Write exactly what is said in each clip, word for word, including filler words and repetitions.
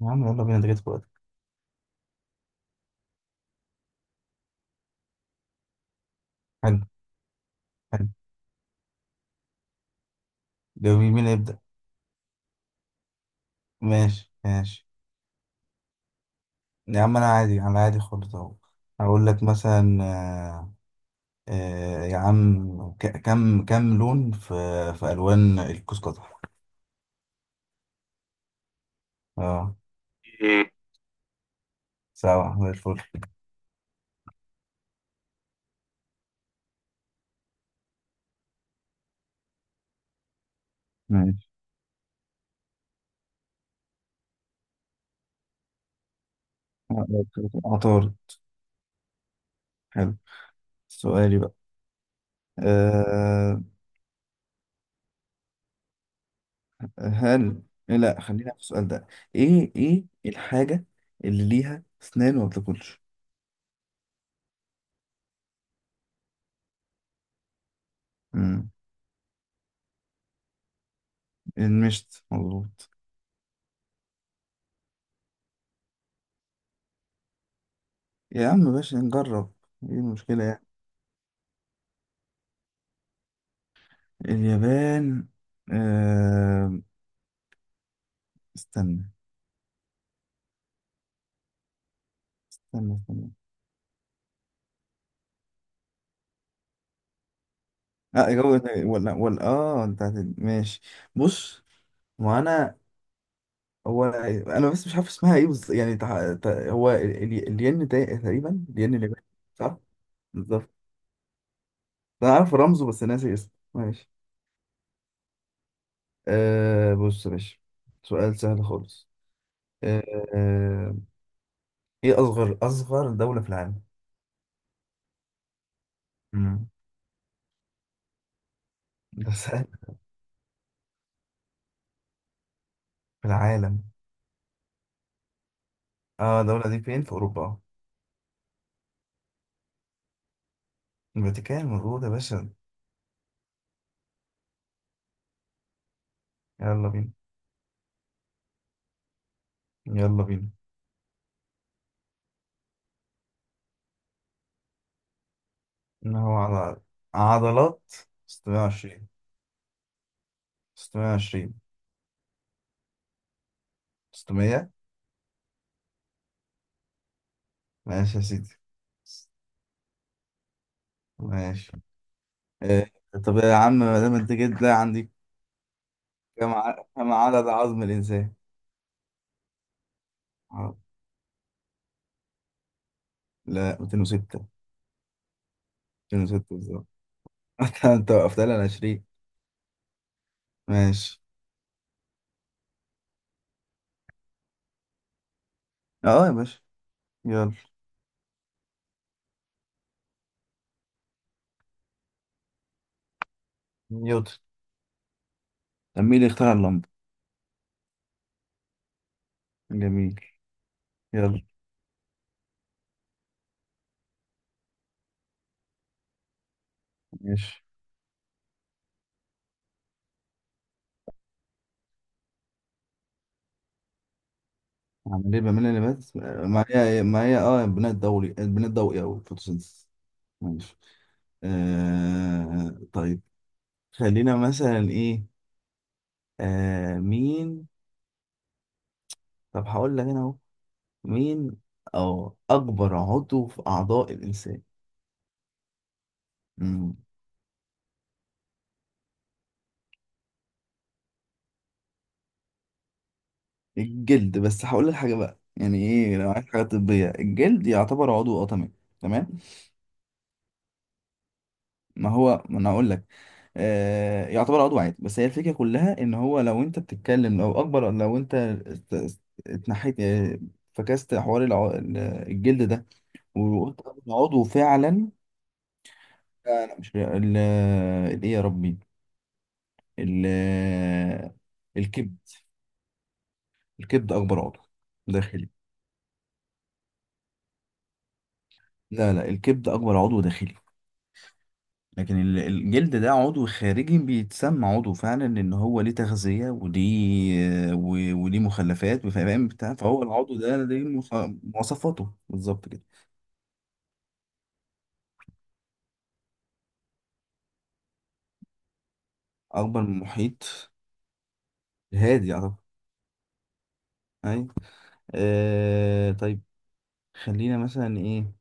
يا عم يلا بينا ده جت في وقتك. حلو. حلو. جميل، مين يبدأ؟ ماشي ماشي يا عم أنا عادي على عادي خالص أهو. هقول لك مثلا آه آه يا عم ك- كم كم لون في في ألوان الكوس قزح؟ اه. إيه. سبعة زي الفل. ماشي. عطار. حلو. سؤالي بقى. أه. هل، لا خلينا في السؤال ده. ايه ايه الحاجة اللي ليها اسنان وما بتاكلش؟ مم، المشط مظبوط. يا عم ماشي نجرب. ايه المشكلة يعني؟ اليابان. آه... استنى. استنى استنى اه جو. ولا ولا اه انت هت- ماشي. بص، ما انا، هو انا بس مش عارف اسمها ايه، بس يعني تع... تع... هو ال- ال- الين تا- تقريبا الين الياباني. صح. بالظبط. انا عارف رمزه بس ناسي اسمه، ماشي. آه... بص يا باشا، سؤال سهل خالص. آه... آه، ايه اصغر اصغر دولة في العالم؟ مم. ده سهل. في العالم. اه الدولة دي فين، في أوروبا؟ الفاتيكان مظبوط يا باشا. يلا بينا. يلا بينا. إن هو على عضلات ستمية وعشرين. ستمية وعشرين. ستمية. ماشي يا سيدي. ماشي. إيه. طب يا عم ما دام أنت جيت ده عندي، كم ع- كم عدد عظم الإنسان؟ ع- لا مياتين وستة. مئتين وستة بالظبط. أنت أنت وقفت لي على عشرين. ماشي. اه يا باشا. يلا. نيوتن. طب مين اللي اخترع اللمبة؟ جميل. يلا. ماشي. عامل ايه بميل اللي بس ما هي ما هي اه بناء الضوئي، البناء الضوئي او الفوتوسينثيسيس. ماشي. آه طيب، خلينا مثلا ايه. آه مين. طب هقول لك انا اهو. مين او اكبر عضو في اعضاء الانسان؟ مم. الجلد، بس هقول لك حاجه بقى، يعني ايه لو عايز حاجه طبيه الجلد يعتبر عضو اه، تمام. تمام. ما هو ما انا اقول لك. آه يعتبر عضو عادي، بس هي الفكره كلها ان هو لو انت بتتكلم لو اكبر لو انت ات- ات- اتنحيت آه، فكست حوار الع- ال- الجلد ده وقلت أنا عضو فعلا. لا لا مش ال- الايه يا ربي، ال- الكبد. الكبد اكبر عضو داخلي. لا لا الكبد اكبر عضو داخلي، لكن ال- الجلد ده عضو خارجي بيتسمى عضو فعلا ان هو ليه تغذية وليه و- وليه مخلفات فاهم بتاع، فهو العضو ده ليه مخ- مواصفاته بالظبط كده. اكبر من المحيط الهادي اعتقد. ايوه. آه طيب، خلينا مثلا ايه.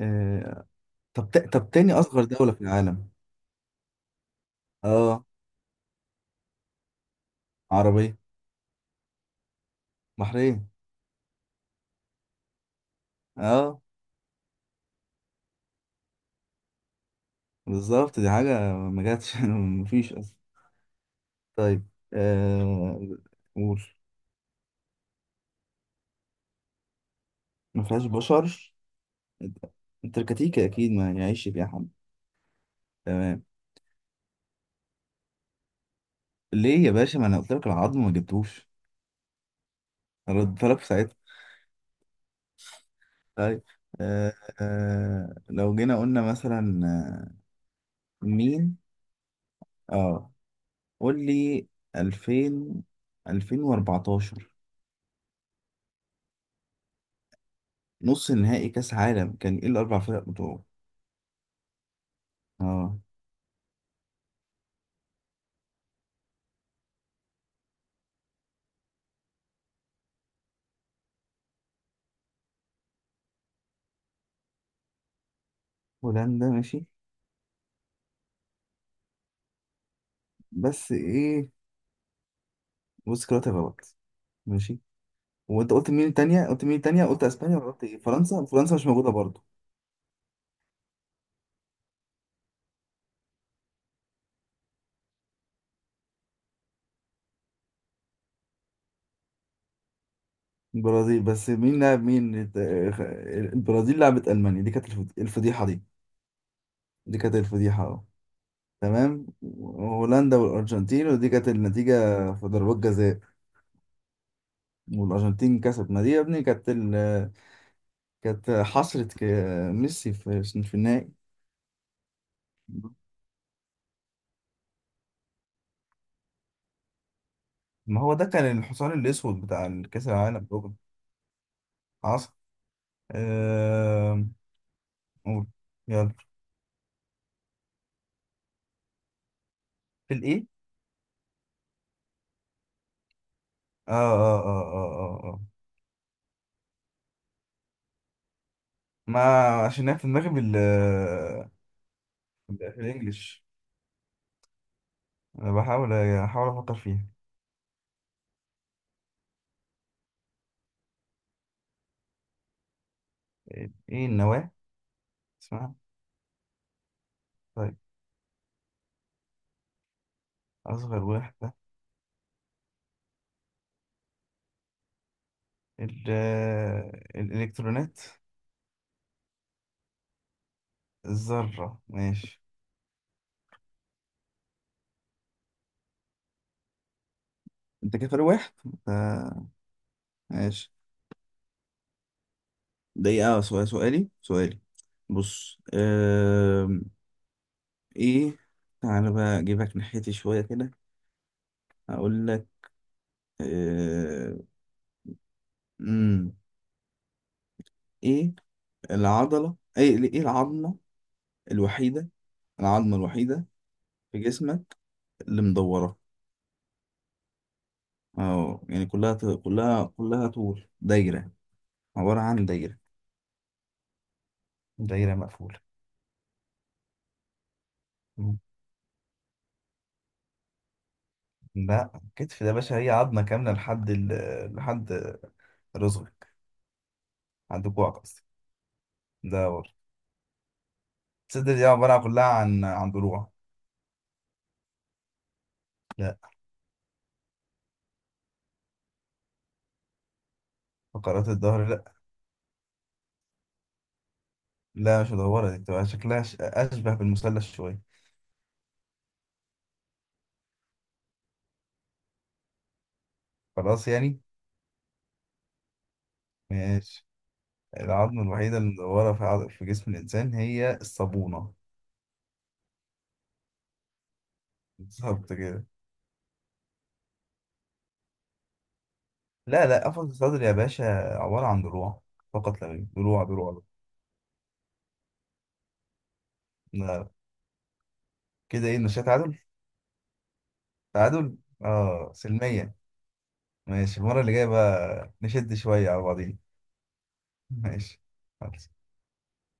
آه طب تا- طب تاني اصغر دولة في العالم. اه عربية. بحرين. اه بالظبط، دي حاجة ما جاتش مفيش اصلا. طيب. آه. قول. ما فيهاش بشر، التركتيكة أكيد ما يعيش فيها حد. تمام. ليه يا باشا، ما أنا قلت لك العظم ما جبتوش، رد لك في ساعتها. طيب. آه آه لو جينا قلنا مثلا آه، مين اه قول لي ألفين، ألفين وأربعة عشر نص نهائي كأس عالم كان ايه الأربع فرق بتوعه؟ اه. هولندا ماشي. بس ايه، بص كرات غلط. ماشي. وانت قلت مين التانية، قلت مين التانية، قلت اسبانيا ولا قلت ايه، فرنسا؟ فرنسا مش موجودة برضه. البرازيل. بس مين لعب مين الت- البرازيل لعبت ألمانيا، دي كانت الفض- الفضيحة دي. دي كانت الفضيحة اه. تمام. هولندا والأرجنتين، ودي كانت النتيجة في ضربات جزاء والأرجنتين كسبت، ما دي يا ابني كانت ال... كانت حصرة ك- ميسي في في النهائي. ما هو ده كان الحصان الأسود بتاع الكأس العالم برضه. حصل. آه... قول. يلا. في الإيه؟ آه آه آه آه آه آه. ما، عشان هي في دماغي بال، بالإنجلش. أنا بحاول أحاول أفكر فيها. إيه النواة اسمها؟ طيب. أصغر واحدة. ال آه، الإلكترونات. الذرة ماشي. أنت كده فارق واحد. آه، ماشي. دقيقة سؤال، سؤالي سؤالي بص. آم، إيه، تعالى بقى أجيبك ناحيتي شوية كده. هقول لك آه، مم، إيه العضلة، إيه إيه العظمة الوحيدة، العظمة الوحيدة في جسمك اللي مدورة؟ اه يعني كلها كلها كلها طول دايرة. عبارة عن دايرة. دايرة مقفولة. مم. لا الكتف ده يا باشا هي عظمة كاملة لحد ال... لحد رزقك، عند كوعك قصدي، ده ورا. الصدر دي عبارة كلها عن عن ضلوع. لا. فقرات الظهر لا. لا مش مدورة، دي بتبقى شكلها ش- أشبه بالمثلث شوية. خلاص يعني. ماشي. العظمة الوحيدة اللي مدورة في عض... في جسم الإنسان هي الصابونة. بالظبط كده. لا لا، قفص الصدر يا باشا عبارة عن ضلوع، فقط لا غير، ضلوع ضلوع. لا. كده ايه، نشاء تعادل. تعادل. اه سلمية. ماشي المرة اللي جاية بقى نشد شوية على بعضين. ماشي. خلاص.